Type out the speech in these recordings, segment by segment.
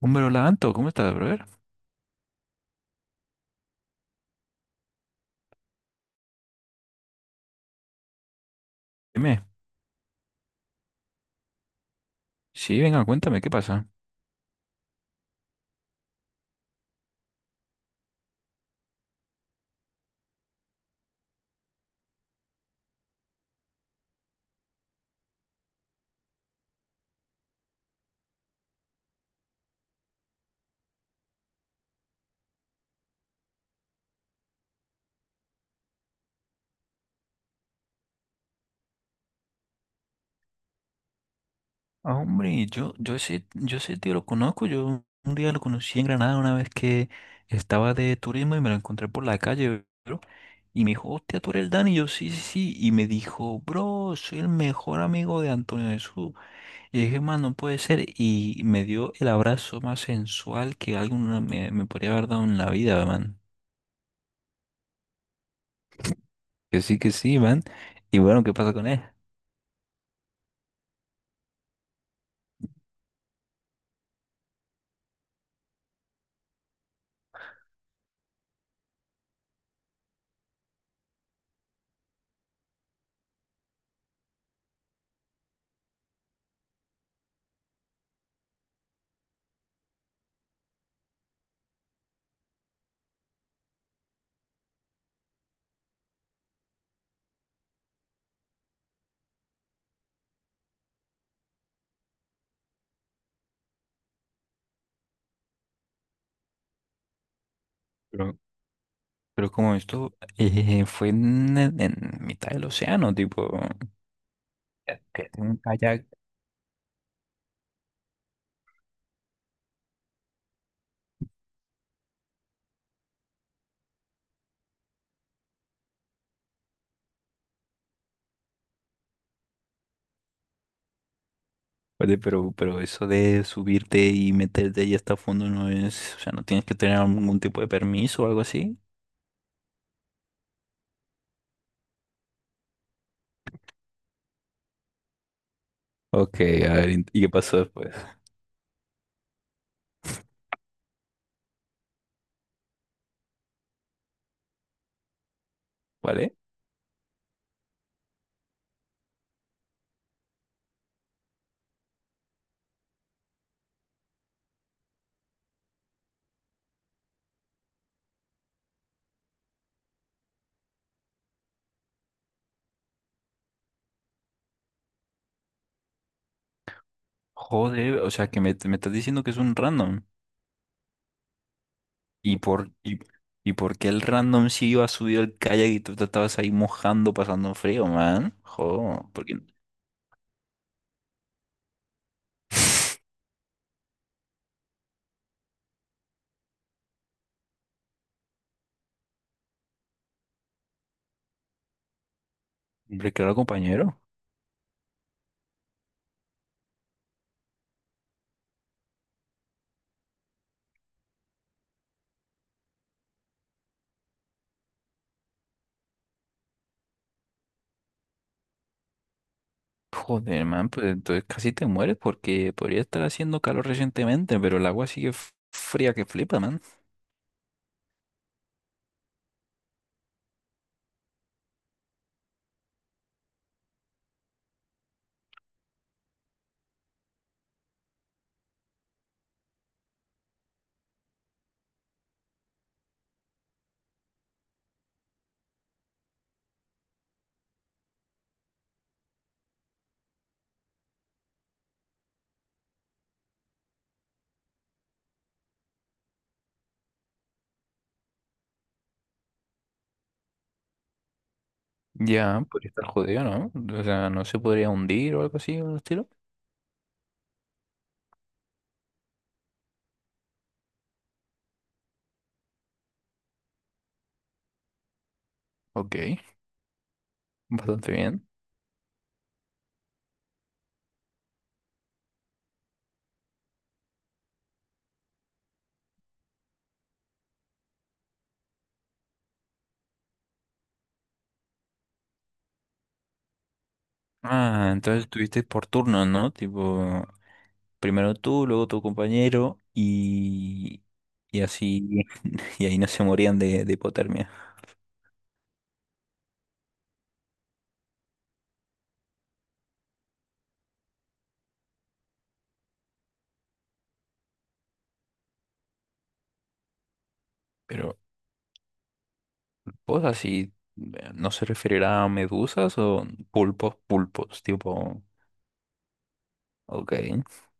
Hombre, hola Anto, ¿cómo estás, brother? Dime. Sí, venga, cuéntame, ¿qué pasa? Ah, hombre, yo ese tío lo conozco. Yo un día lo conocí en Granada una vez que estaba de turismo y me lo encontré por la calle, bro, y me dijo, hostia, tú eres el Dani, y yo sí, sí, sí, y me dijo, bro, soy el mejor amigo de Antonio Jesús, y dije, man, no puede ser, y me dio el abrazo más sensual que alguno me podría haber dado en la vida, man. Que sí, man, y bueno, ¿qué pasa con él? Pero Pero como esto fue en, en mitad del océano, tipo, que tengo un kayak. Oye, pero eso de subirte y meterte ahí hasta fondo no es, o sea, no tienes que tener algún tipo de permiso o algo así. Ok, a ver, ¿y qué pasó después? ¿Vale? Joder, o sea, que me estás diciendo que es un random. ¿Y y por qué el random sí iba a subir al kayak y tú te estabas ahí mojando, pasando frío, man? Joder, porque... Hombre, claro, compañero. Joder, man, pues entonces casi te mueres porque podría estar haciendo calor recientemente, pero el agua sigue fría que flipa, man. Ya, podría estar jodido, ¿no? O sea, no se podría hundir o algo así, o estilo. Ok, bastante bien. Ah, entonces estuviste por turnos, ¿no? Tipo, primero tú, luego tu compañero y así, y ahí no se morían de hipotermia. Pero, pues así, ¿no se referirá a medusas o pulpos, pulpos, tipo... Ok,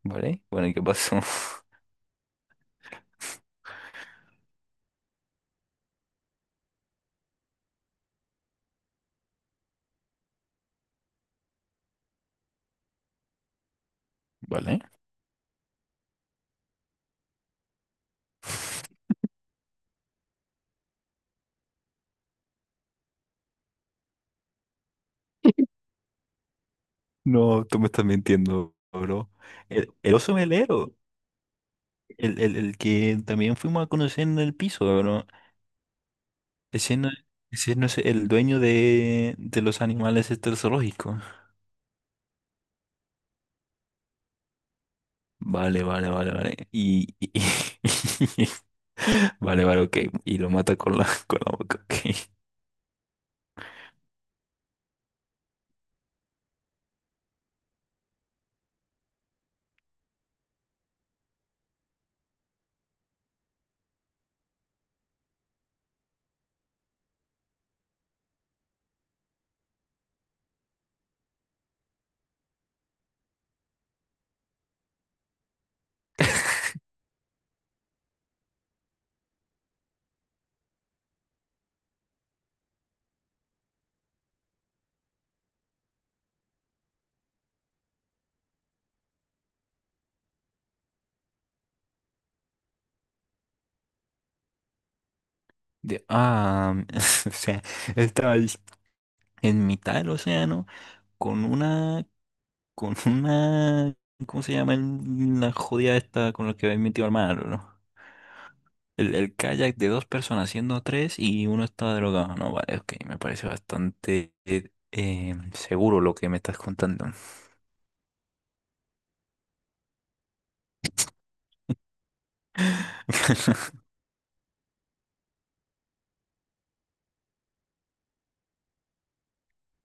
vale. Bueno, ¿y qué pasó? ¿Vale? No, tú me estás mintiendo, bro. El oso melero, el que también fuimos a conocer en el piso, bro. Ese no, ese no es el dueño de los animales este zoológico. Vale, vale, vale, vale. Y- vale, vale, ok. Y lo mata con la boca, ok. De, ah, o sea, estaba en mitad del océano con una... Con una... ¿Cómo se llama la jodida esta con la que habéis metido al mar, ¿no? El kayak de dos personas siendo tres y uno está drogado. No, vale, ok, me parece bastante seguro lo que me estás contando.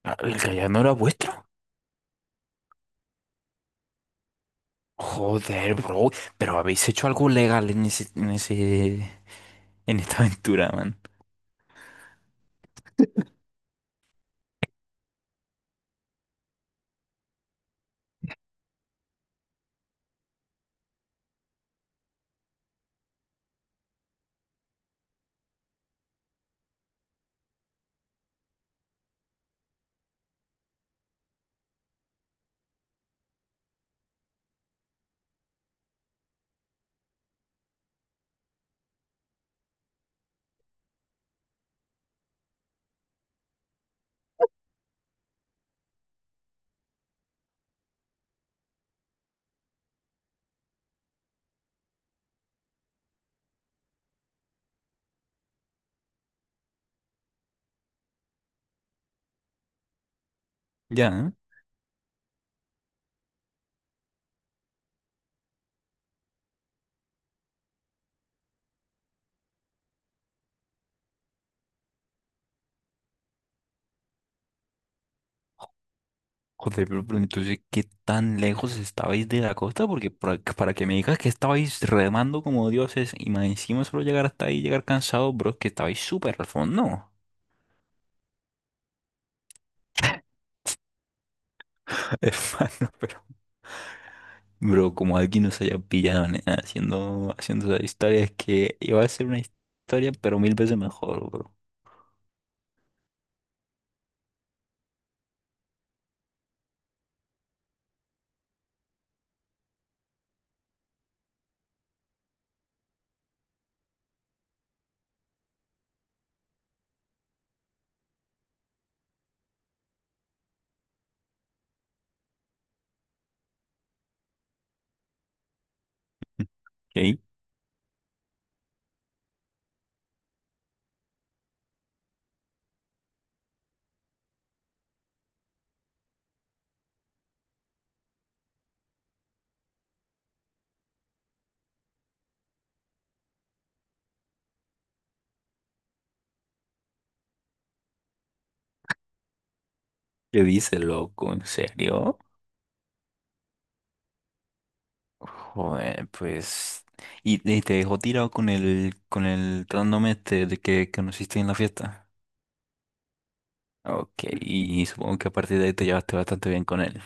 Ah, ¿el kayak no era vuestro? Joder, bro, pero habéis hecho algo legal en ese, en ese, en esta aventura, man. Ya, ¿eh? Joder, pero entonces, ¿qué tan lejos estabais de la costa? Porque para que me digas que estabais remando como dioses y más encima solo llegar hasta ahí, llegar cansado, bro, es que estabais súper al fondo. Hermano, pero... Bro, como alguien nos haya pillado, nena, haciendo, haciendo esa historia, es que iba a ser una historia, pero mil veces mejor, bro. ¿Qué? ¿Qué dices, loco? ¿En serio? Joder, pues... ¿Y, y te dejó tirado con el trándome este de que conociste en la fiesta? Ok, y supongo que a partir de ahí te llevaste bastante bien con él.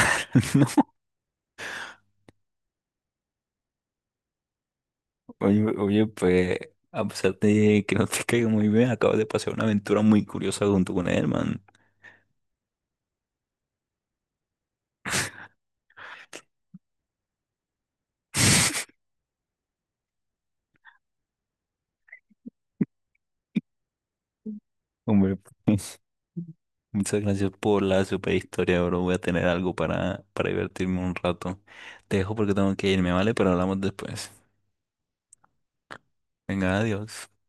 No, oye, oye, pues a pesar de que no te caiga muy bien, acabas de pasar una aventura muy curiosa junto con él, man. Hombre, pues, muchas gracias por la super historia, bro. Voy a tener algo para divertirme un rato. Te dejo porque tengo que irme, ¿vale? Pero hablamos después. Venga, adiós.